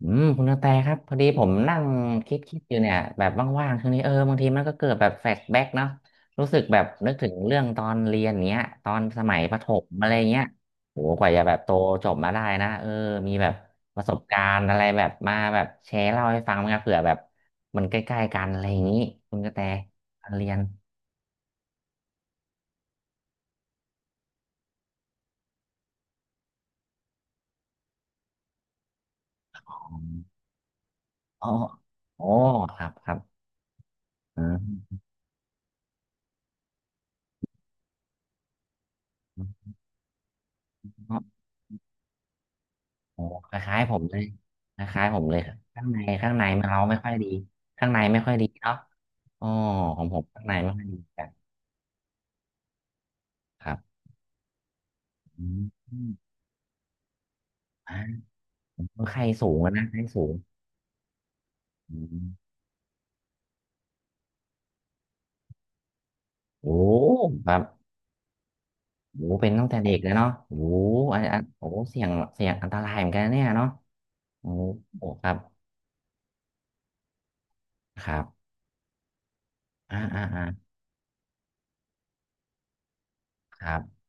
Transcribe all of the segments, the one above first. คุณกระแตครับพอดีผมนั่งคิดอยู่เนี่ยแบบว่างๆช่วงนี้บางทีมันก็เกิดแบบแฟลชแบ็กเนาะรู้สึกแบบนึกถึงเรื่องตอนเรียนเนี้ยตอนสมัยประถมอะไรเงี้ยโหกว่าจะแบบโตจบมาได้นะเออมีแบบประสบการณ์อะไรแบบมาแบบแชร์เล่าให้ฟังไหมครับเผื่อแบบมันใกล้ๆกันอะไรอย่างนี้คุณกระแตตอนเรียนอ๋ออ๋อครับครับอืม โอ้คล้ายๆผมเลยคล้ายๆผมเลยครับข้างในมันเราไม่ค่อยดีข้างในไม่ค่อยดีเนาะอ๋อของผมข้างในไม่ค่อยดีกันครับอืมอ่าไข้สูงอะนะไข้สูงอืมโอ้แบบโอ้เป็นตั้งแต่เด็กเลยเนาะโอ้อันอันโอ้เสี่ยงเสี่ยงอันตรายเหมือนกันนะเนี่ยเนาะโอ้โอ้ครับครับอ่าอ่าอ่าครับ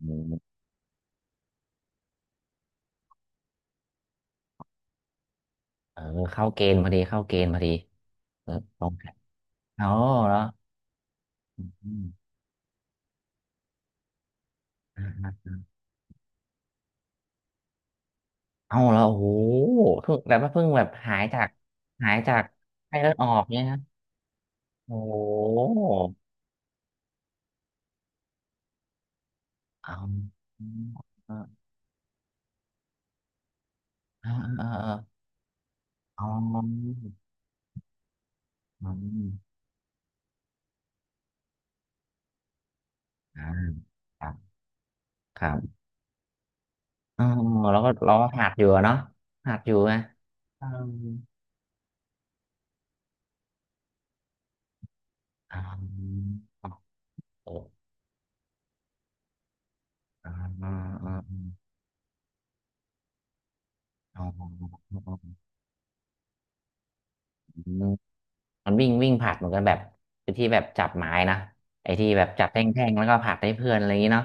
อืมเออเข้าเกณฑ์พอดีเข้าเกณฑ์พอดีเออตรงกันอ๋อเหรออืม เอาแล้วโอ้โหเพิ่งแบบว่าเพิ่งแบบหายจากหายจากไข้เลือดออกเนี่ยนะโอ้โหเอาเออเออเออเออเอาอืมอ่าครับครับเออแล้วก็เราก็หัดอยู่อะเนาะหัดอยู่ไงเอออ่าโอ้อ่าอ่าอ่าออ มันวิ่งวิ่งผลัดเหมือนกันแบบคือที่แบบจับไม้นะไอ้ที่แบบจับแท่งๆแล้วก็ผลัดให้เพื่อนอะไรอย่างนี้เนาะ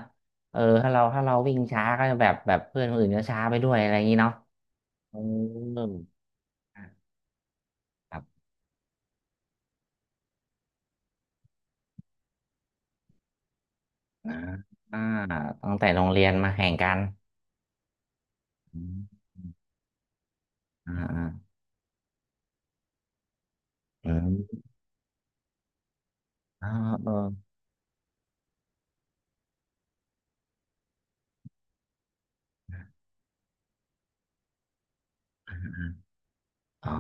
เออถ้าเราวิ่งช้าก็จะแบบเพื่อนคนอื่นก็ช้าไปด้วยอะไรอย่างนี้เนาะเออครับอ่าอ่าตั้งแต่โรงเรียนมาแข่งกันอืมอ่าอ่าอืมอ่าเอออ๋อ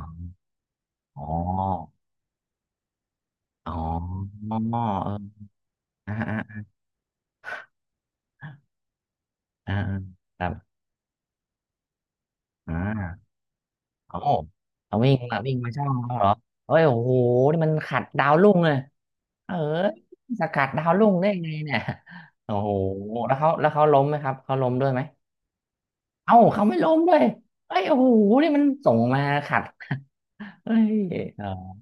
อ๋ออ๋อเอออ่าอ่าอ่าครับอ่าโอ้เอาวิ่งมาวิ่งมาช่องเราเหรอเอ้ยโอ้โหนี่มันขัดดาวรุ่งเลย เออสกัดดาวรุ่งได้ไงเนี่ยโอ้โหแล้วเขาแล้วเขาล้มไหมครับเขาล้มด้วยไหมเอ้าเขาไม่ล้มด้วยเอ้ยโอ้โหนี่มันส่งมาขัดเอ้ยเออ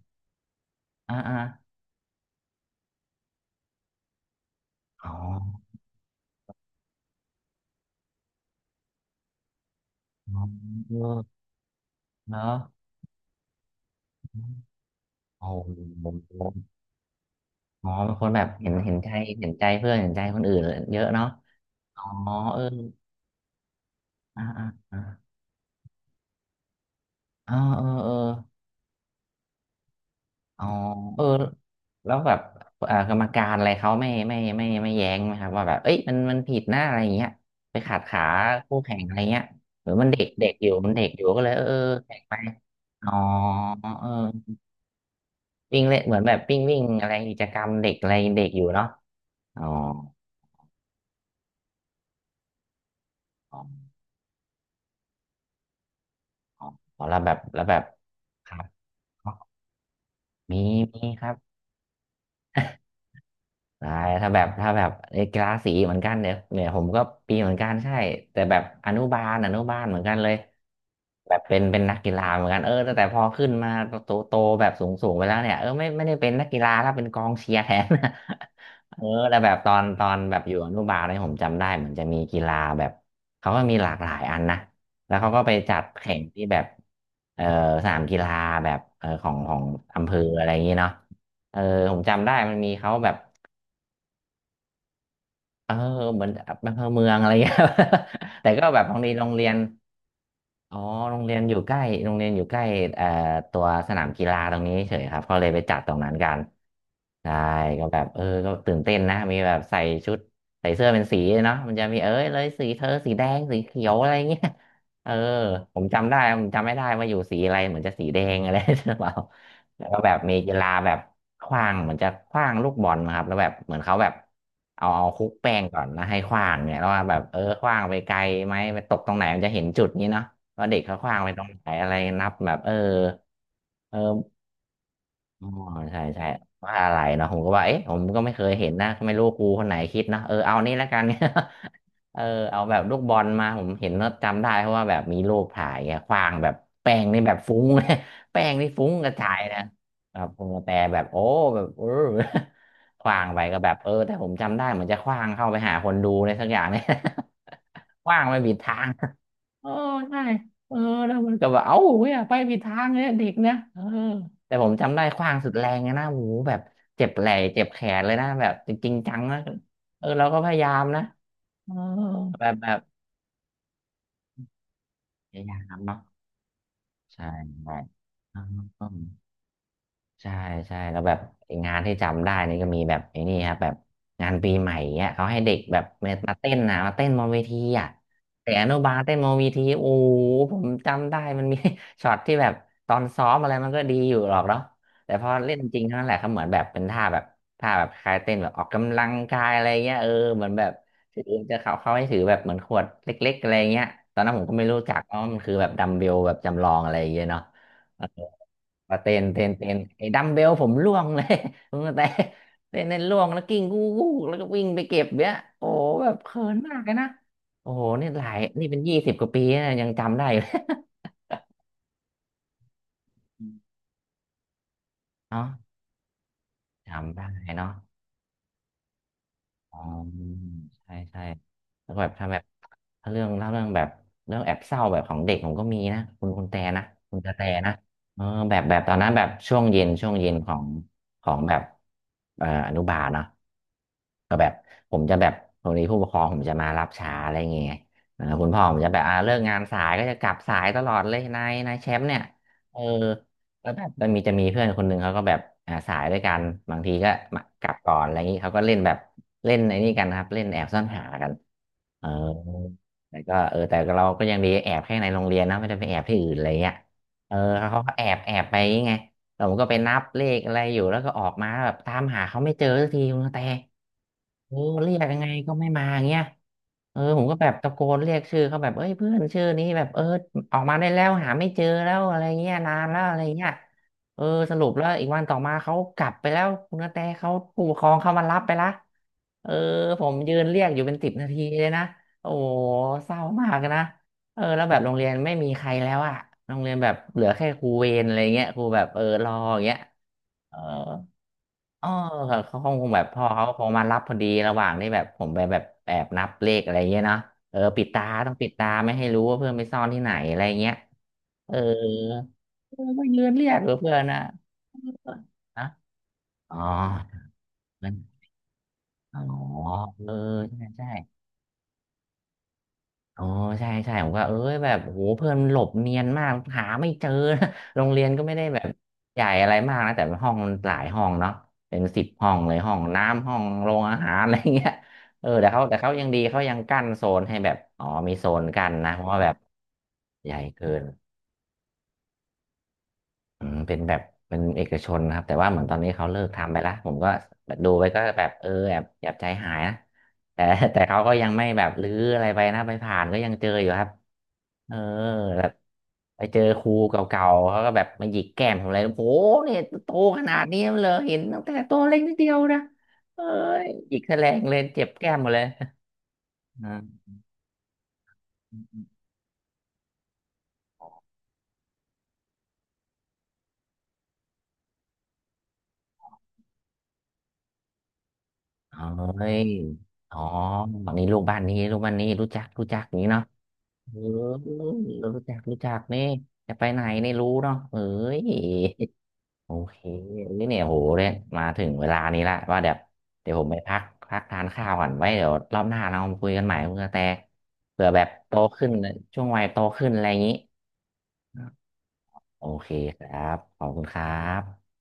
อ่าอ่าอ๋ออ๋อเออเนาะโอ้โหอ๋อเป็นคนแบบเห็นเห็นใจเห็นใจเพื่อนเห็นใจคนอื่นเยอะเนาะอ๋อเอออ่าอ่าอ่าอ๋อเออเออ อ๋อเออแล้วแบบกรรมการอะไรเขาไม่แย้งไหมครับว่าแบบเอ้ยมันผิดหน้าอะไรอย่างเงี้ยไปขัดขาคู่แข่งอะไรเงี้ยหรือมันเด็กเด็กอยู่มันเด็กอยู่ก็เลยเออเออแข่งไปอ๋อเออวิ่งเล่นเหมือนแบบวิ่งวิ่งอะไรกิจกรรมเด็กอะไรเด็กอยู่เนาะอ๋ออ๋ออ๋อแล้วแบบแล้วแบบครับมีมีครับ ได้ถ้าแบบถ้าแบบในกีฬาสีเหมือนกันเนี่ยเนี่ยผมก็ปีเหมือนกันใช่แต่แบบอนุบาลเหมือนกันเลยแบบเป็นเป็นนักกีฬาเหมือนกันเออตั้งแต่พอขึ้นมาโตโตแบบสูงสูงไปแล้วเนี่ยเออไม่ได้เป็นนักกีฬาแล้วเป็นกองเชียร์แทน เออแต่แบบตอนตอนแบบอยู่อนุบาลเนี่ยผมจำได้เหมือนจะมีกีฬาแบบเขาก็มีหลากหลายอันนะแล้วเขาก็ไปจัดแข่งที่แบบเอ่อสนามกีฬาแบบเออของของอำเภออะไรอย่างงี้เนาะเออผมจำได้มันมีเขาแบบ เออเหมือนแบบอำเภอเมืองอะไรเงี้ย แต่ก็แบบบางทีโรงเรียน อ๋อโรงเรียนอยู่ใกล้โรงเรียนอยู่ใกล้เอ่อตัวสนามกีฬาตรงนี้เฉยครับก็เลยไปจัดตรงนั้นกันใช่ก็แบบเออก็ตื่นเต้นนะมีแบบใส่ชุดใส่เสื้อเป็นสีเนาะมันจะมีเอ้ยเลยสีเธอสีแดงสีเขียวอะไรเงี้ยเออผมจำได้ผมจำไม่ได้ว่าอยู่สีอะไรเหมือนจะสีแดงอะไร หรือเปล่าแล้วก็แบบมีกีฬาแบบขว้างเหมือนจะขว้างลูกบอลนะครับแล้วแบบเหมือนเขาแบบเอาคลุกแป้งก่อนแล้วให้ขว้างเนี่ยแล้วว่าแบบเออขว้างไปไกลไหมไปตกตรงไหนมันจะเห็นจุดนี้เนาะ ว่าเด็กเขาขว้างไปตรงไหนอะไรนับแบบเออเอออ๋อใช่ใช่ว่าอะไรเนาะผมก็ว่าเอ๊ะผมก็ไม่เคยเห็นนะไม่รู้ครูคนไหนคิดนะเออเอานี่แล้วกัน เออเอาแบบลูกบอลมาผมเห็นแล้วจำได้เพราะว่าแบบมีรูปถ่ายไงขว้างแบบแป้งนี่แบบฟุ้งเลย แป้งนี่ฟุ้งกระจายนะครับผมแตแบบโอ้แบบเออ ขว้างไปก็แบบเออแต่ผมจำได้เหมือนจะขว้างเข้าไปหาคนดูในสักอย่างเนี่ย ขว้างไปผิดทาง เออใช่เออแล้วมันก็แบบเอ้าเว้ยไปผิดทางเนี่ยเด็กเนี่ยเออแต่ผมจำได้ขว้างสุดแรงเลยนะโอ้โหแบบเจ็บไหล่เจ็บแขนเลยนะแบบจริงๆจังนะเออเราก็พยายามนะเออแบบแบบพยายามเนาะใช่ใช่ ใช่ใช่แล้วแบบงานที่จำได้นี่ก็มีแบบไอ้นี่ครับแบบงานปีใหม่เนี้ยเขาให้เด็กแบบมาเต้นนะมาเต้นบนเวทีอ่ะแต่อนุบาลเต้นบนเวทีโอ้โหผมจำได้มันมี ช็อตที่แบบตอนซ้อมอะไรมันก็ดีอยู่หรอกเนาะแต่พอเล่นจริงเท่านั้นแหละเขาเหมือนแบบเป็นท่าแบบท่าแบบคล้ายเต้นแบบออกกำลังกายอะไรเงี้ยเออเหมือนแบบถือจะเขาให้ถือแบบเหมือนขวดเล็กๆอะไรเงี้ยตอนนั้นผมก็ไม่รู้จักว่ามันคือแบบดัมเบลแบบจำลองอะไรเงี้ยเนาะ มาเต้นเต้นเต้นไอ้ดัมเบลผมร่วงเลย ผมแต่เต้นเต้นร่วงแล้วกิ้งกู้กู้แล้วก็วิ่งไปเก็บเนี้ยโอ้โหแบบเขินมากเลยนะ โอ้โหนี่หลายนี่เป็น20 กว่าปีนะยังจำได้เลย เนาะจำได้เนาะ อ๋อใช่ใช่แล้วก็แบบถ้าแบบถ้าเรื่องเล่าเรื่องแบบเรื่องแอบเศร้าแบบของเด็กผมก็มีนะคุณแต่นะคุณกระแตนะเออแบบแบบตอนนั้นแบบช่วงเย็นช่วงเย็นของของแบบอนุบาลเนาะก็แบบผมจะแบบตรงนี้ผู้ปกครองผมจะมารับช้าอะไรอย่างเงี้ยเออคุณพ่อผมจะแบบอ่าเลิกงานสายก็จะกลับสายตลอดเลยนายแชมป์เนี่ยเออ ก็แบบมันมีจะมีเพื่อนคนหนึ่งเขาก็แบบอ่าสายด้วยกันบางทีก็มากลับก่อนอะไรอย่างนี้เขาก็เล่นแบบเล่นไอ้นี่กันครับเล่นแอบซ่อนหากันเออแต่ก็เออแต่เราก็ยังดีแอบแค่ในโรงเรียนนะไม่ได้ไปแอบที่อื่นอะไรเงี้ยเออเขาก็แอบแอบไปไงแต่ผมก็ไปนับเลขอะไรอยู่แล้วก็ออกมาแบบตามหาเขาไม่เจอสักทีคุณกระแตเออเรียกยังไงก็ไม่มาเงี้ยเออผมก็แบบตะโกนเรียกชื่อเขาแบบเอ้ยเพื่อนชื่อนี้แบบเออ ออกมาได้แล้วหาไม่เจอแล้วอะไรเงี้ยนานแล้วอะไรเงี้ยเออสรุปแล้วอีกวันต่อมาเขากลับไปแล้วคุณกระแตเขาผู้ปกครองเขามารับไปละเออผมยืนเรียกอยู่เป็น10 นาทีเลยนะโอ้โหเศร้ามากนะเออแล้วแบบโรงเรียนไม่มีใครแล้วอะโรงเรียนแบบเหลือแค่ครูเวรอะไรเงี้ยครูแบบเออรออย่างเงี้ยเออ เออแบบเขาคงแบบพ่อเขาคงมารับพอดีระหว่างที่แบบผมไปแบบแอบนับเลขอะไรเงี้ยเนาะเออปิดตาต้องปิดตาไม่ให้รู้ว่าเพื่อนไปซ่อนที่ไหนอะไรเงี้ย เออเออไม่ยืนเรียกเพื่อนนะเออนะอ๋อมันอ๋อเออใช่ใช่ อ๋อใช่ใช่ผมก็เอ้ยแบบโหเพื่อนมหลบเนียนมากหาไม่เจอนะ โรงเรียนก็ไม่ได้แบบใหญ่อะไรมากนะแต่ห้องมันหลายห้องเนาะเป็น10 ห้องเลยห้องน้ำห้องโรงอาหารอะไรเงี้ยเออแต่เขายังดีเขายังกั้นโซนให้แบบอ๋อมีโซนกั้นนะเพราะว่าแบบใหญ่เกิน อืมเป็นแบบเป็นเอกชนนะครับแต่ว่าเหมือนตอนนี้เขาเลิกทำไปละผมก็แบบดูไปก็แบบเออแอบแอบใจหายนะแต่แต่เขาก็ยังไม่แบบรื้ออะไรไปนะไปผ่านก็ยังเจออยู่ครับเออแบบไปเจอครูเก่าๆเขาก็แบบมาหยิกแก้มผมอะไรโอ้โหเนี่ยโตขนาดนี้เลยเห็นตั้งแต่ตัวเล็กนิดเดียวนะเอ้ยหยิกแสลงเลยเจ็บแก้มหมดเลย อ่าเอ้ยอ๋อฝั่งนี้ลูกบ้านนี้ลูกบ้านนี้รู้จักรู้จักอย่างนี้เนาะ เออรู้จักรู้จักนี่จะไปไหนนี่รู้เนาะเอ้ยโอเคเอ้ยเนี่ยโหเนี่ยมาถึงเวลานี้ละว่าเดี๋ยวเดี๋ยวผมไปพักพักทานข้าวก่อนไว้เดี๋ยวรอบหน้าเรามาคุยกันใหม่คุณกระแตเผื่อแบบโตขึ้นช่วงวัยโตขึ้นอะไรอย่างนี้โอเคครับขอบคุณครับ